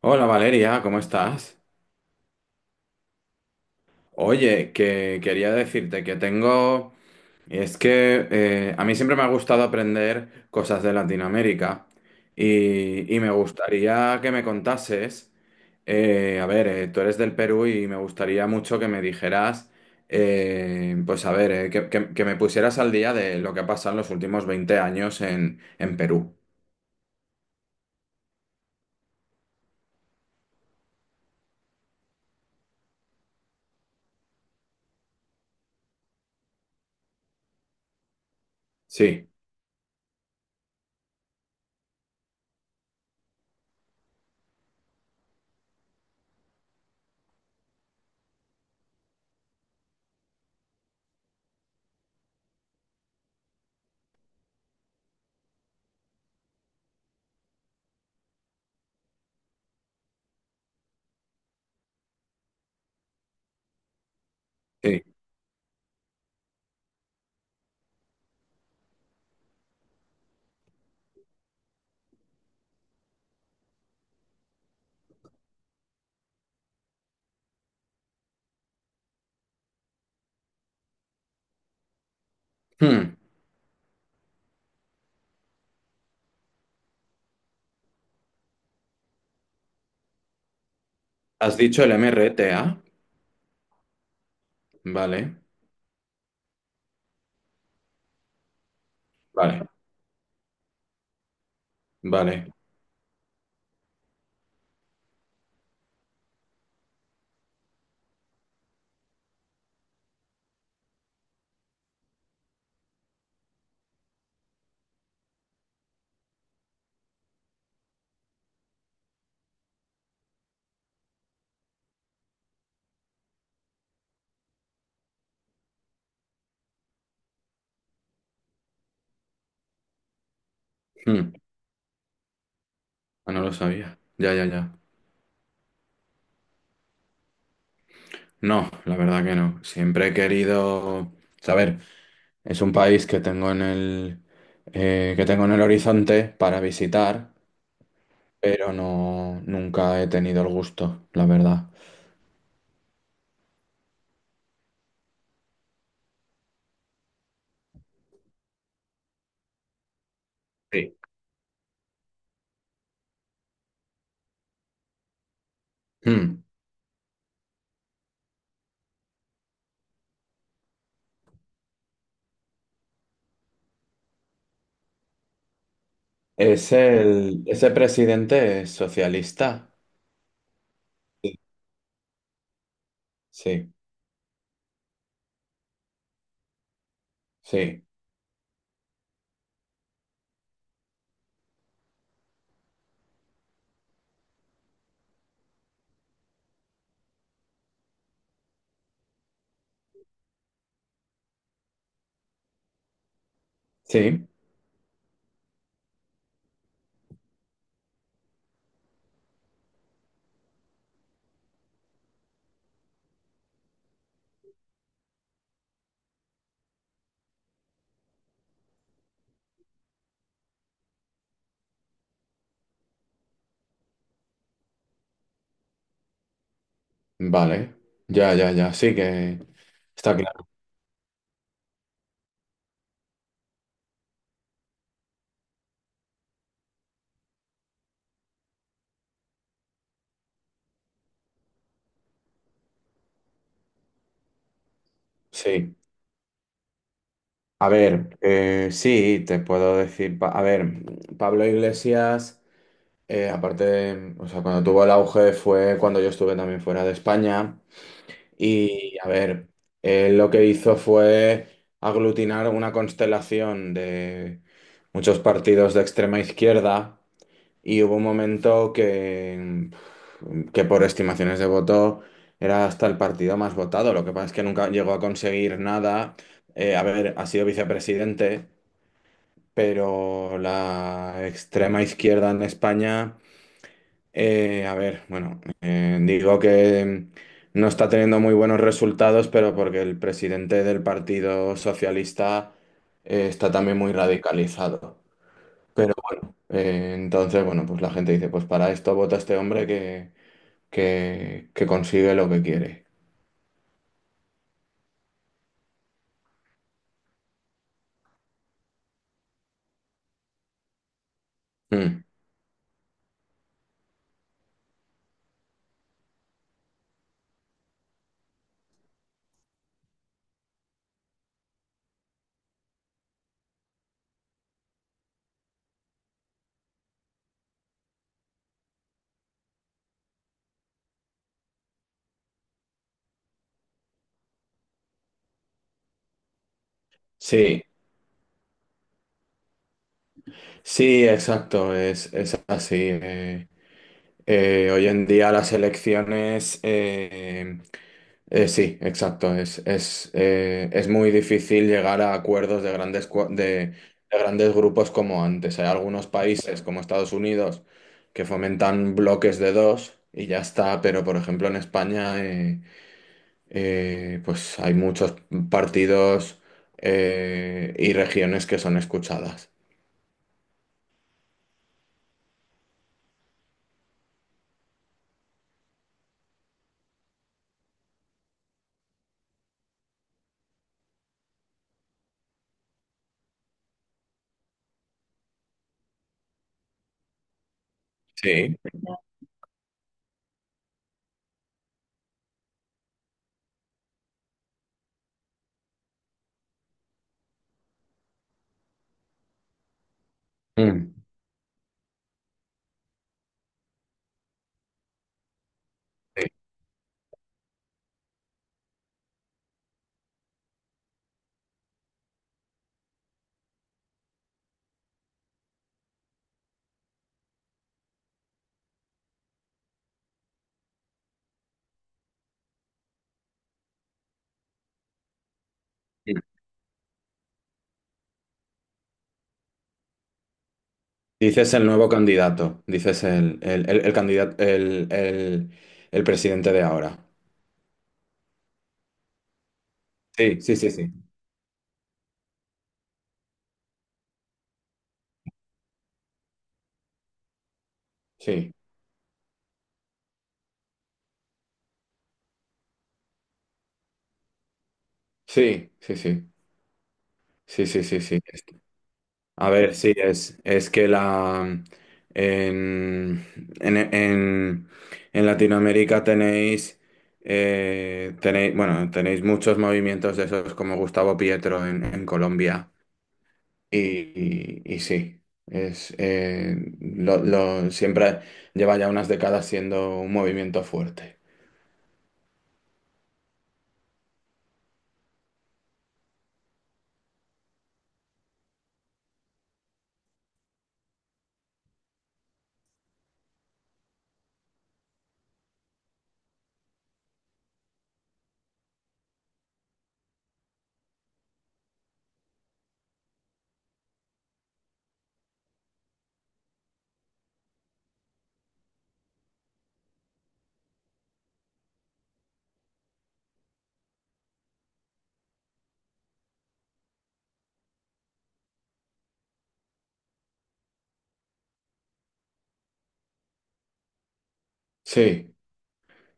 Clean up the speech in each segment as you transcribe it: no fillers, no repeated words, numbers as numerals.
Hola Valeria, ¿cómo estás? Oye, que quería decirte que tengo... Es que a mí siempre me ha gustado aprender cosas de Latinoamérica y, me gustaría que me contases, tú eres del Perú y me gustaría mucho que me dijeras, pues a ver, que me pusieras al día de lo que ha pasado en los últimos 20 años en, Perú. Sí, sí. Hmm. ¿Has dicho el MRTA? Vale, vale, vale. Hmm. Ah, no lo sabía. Ya, ya, ya. No, la verdad que no. Siempre he querido saber. Es un país que tengo en el que tengo en el horizonte para visitar, pero nunca he tenido el gusto, la verdad. Sí. Hmm. Es el, ese presidente es socialista. Sí, sí, sí. Vale. Ya, ya, ya. Sí que está claro. Sí. A ver, sí, te puedo decir, Pablo Iglesias, aparte de, o sea, cuando tuvo el auge fue cuando yo estuve también fuera de España y, a ver, él lo que hizo fue aglutinar una constelación de muchos partidos de extrema izquierda y hubo un momento que por estimaciones de voto era hasta el partido más votado, lo que pasa es que nunca llegó a conseguir nada. A ver, ha sido vicepresidente, pero la extrema izquierda en España, bueno, digo que no está teniendo muy buenos resultados, pero porque el presidente del Partido Socialista está también muy radicalizado. Pero entonces, bueno, pues la gente dice, pues para esto vota este hombre que consigue lo que quiere. Mm. Sí, sí, exacto, es así. Hoy en día las elecciones sí, exacto. Es muy difícil llegar a acuerdos de grandes, de grandes grupos como antes. Hay algunos países como Estados Unidos que fomentan bloques de dos y ya está, pero por ejemplo en España pues hay muchos partidos, y regiones que son escuchadas. Sí. Mm. Sí. Dices el nuevo candidato, dices el candidato, el presidente de ahora. Sí, sí, sí, sí. Sí, sí, sí, sí, sí, sí, sí, sí. A ver, sí, es que la mm, en, en, en, en Latinoamérica tenéis tenéis, bueno, tenéis muchos movimientos de esos como Gustavo Pietro en, Colombia. Y sí, siempre, lleva ya unas décadas siendo un movimiento fuerte. Sí.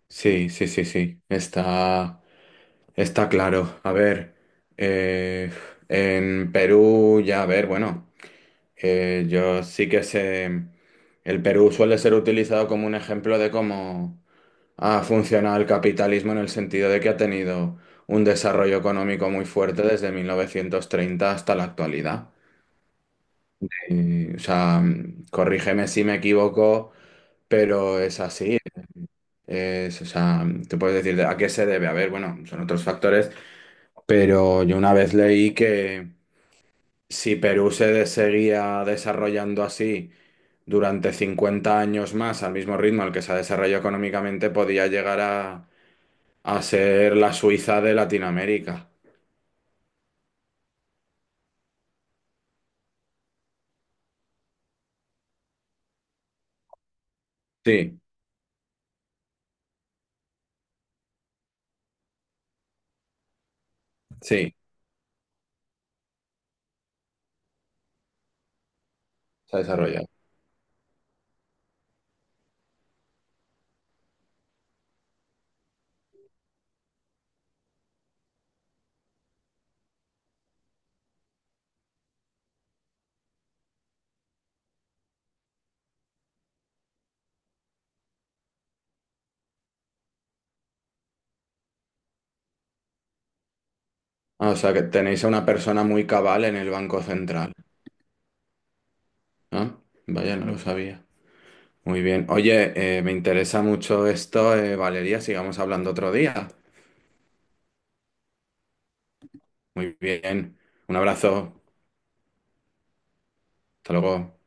Sí, sí, sí, sí. Está, está claro. A ver, eh, en Perú ya, a ver, bueno, yo sí que sé, el Perú suele ser utilizado como un ejemplo de cómo ha funcionado el capitalismo en el sentido de que ha tenido un desarrollo económico muy fuerte desde 1930 hasta la actualidad. Y, o sea, corrígeme si me equivoco, pero es así. Es, o sea, te puedes decir a qué se debe. A ver, bueno, son otros factores, pero yo una vez leí que si Perú seguía desarrollando así durante 50 años más al mismo ritmo al que se ha desarrollado económicamente, podía llegar a ser la Suiza de Latinoamérica. Sí, sí, se ha desarrollado. Ah, o sea, que tenéis a una persona muy cabal en el Banco Central. Ah, vaya, no lo sabía. Muy bien. Oye, me interesa mucho esto, Valeria. Sigamos hablando otro día. Muy bien. Un abrazo. Hasta luego.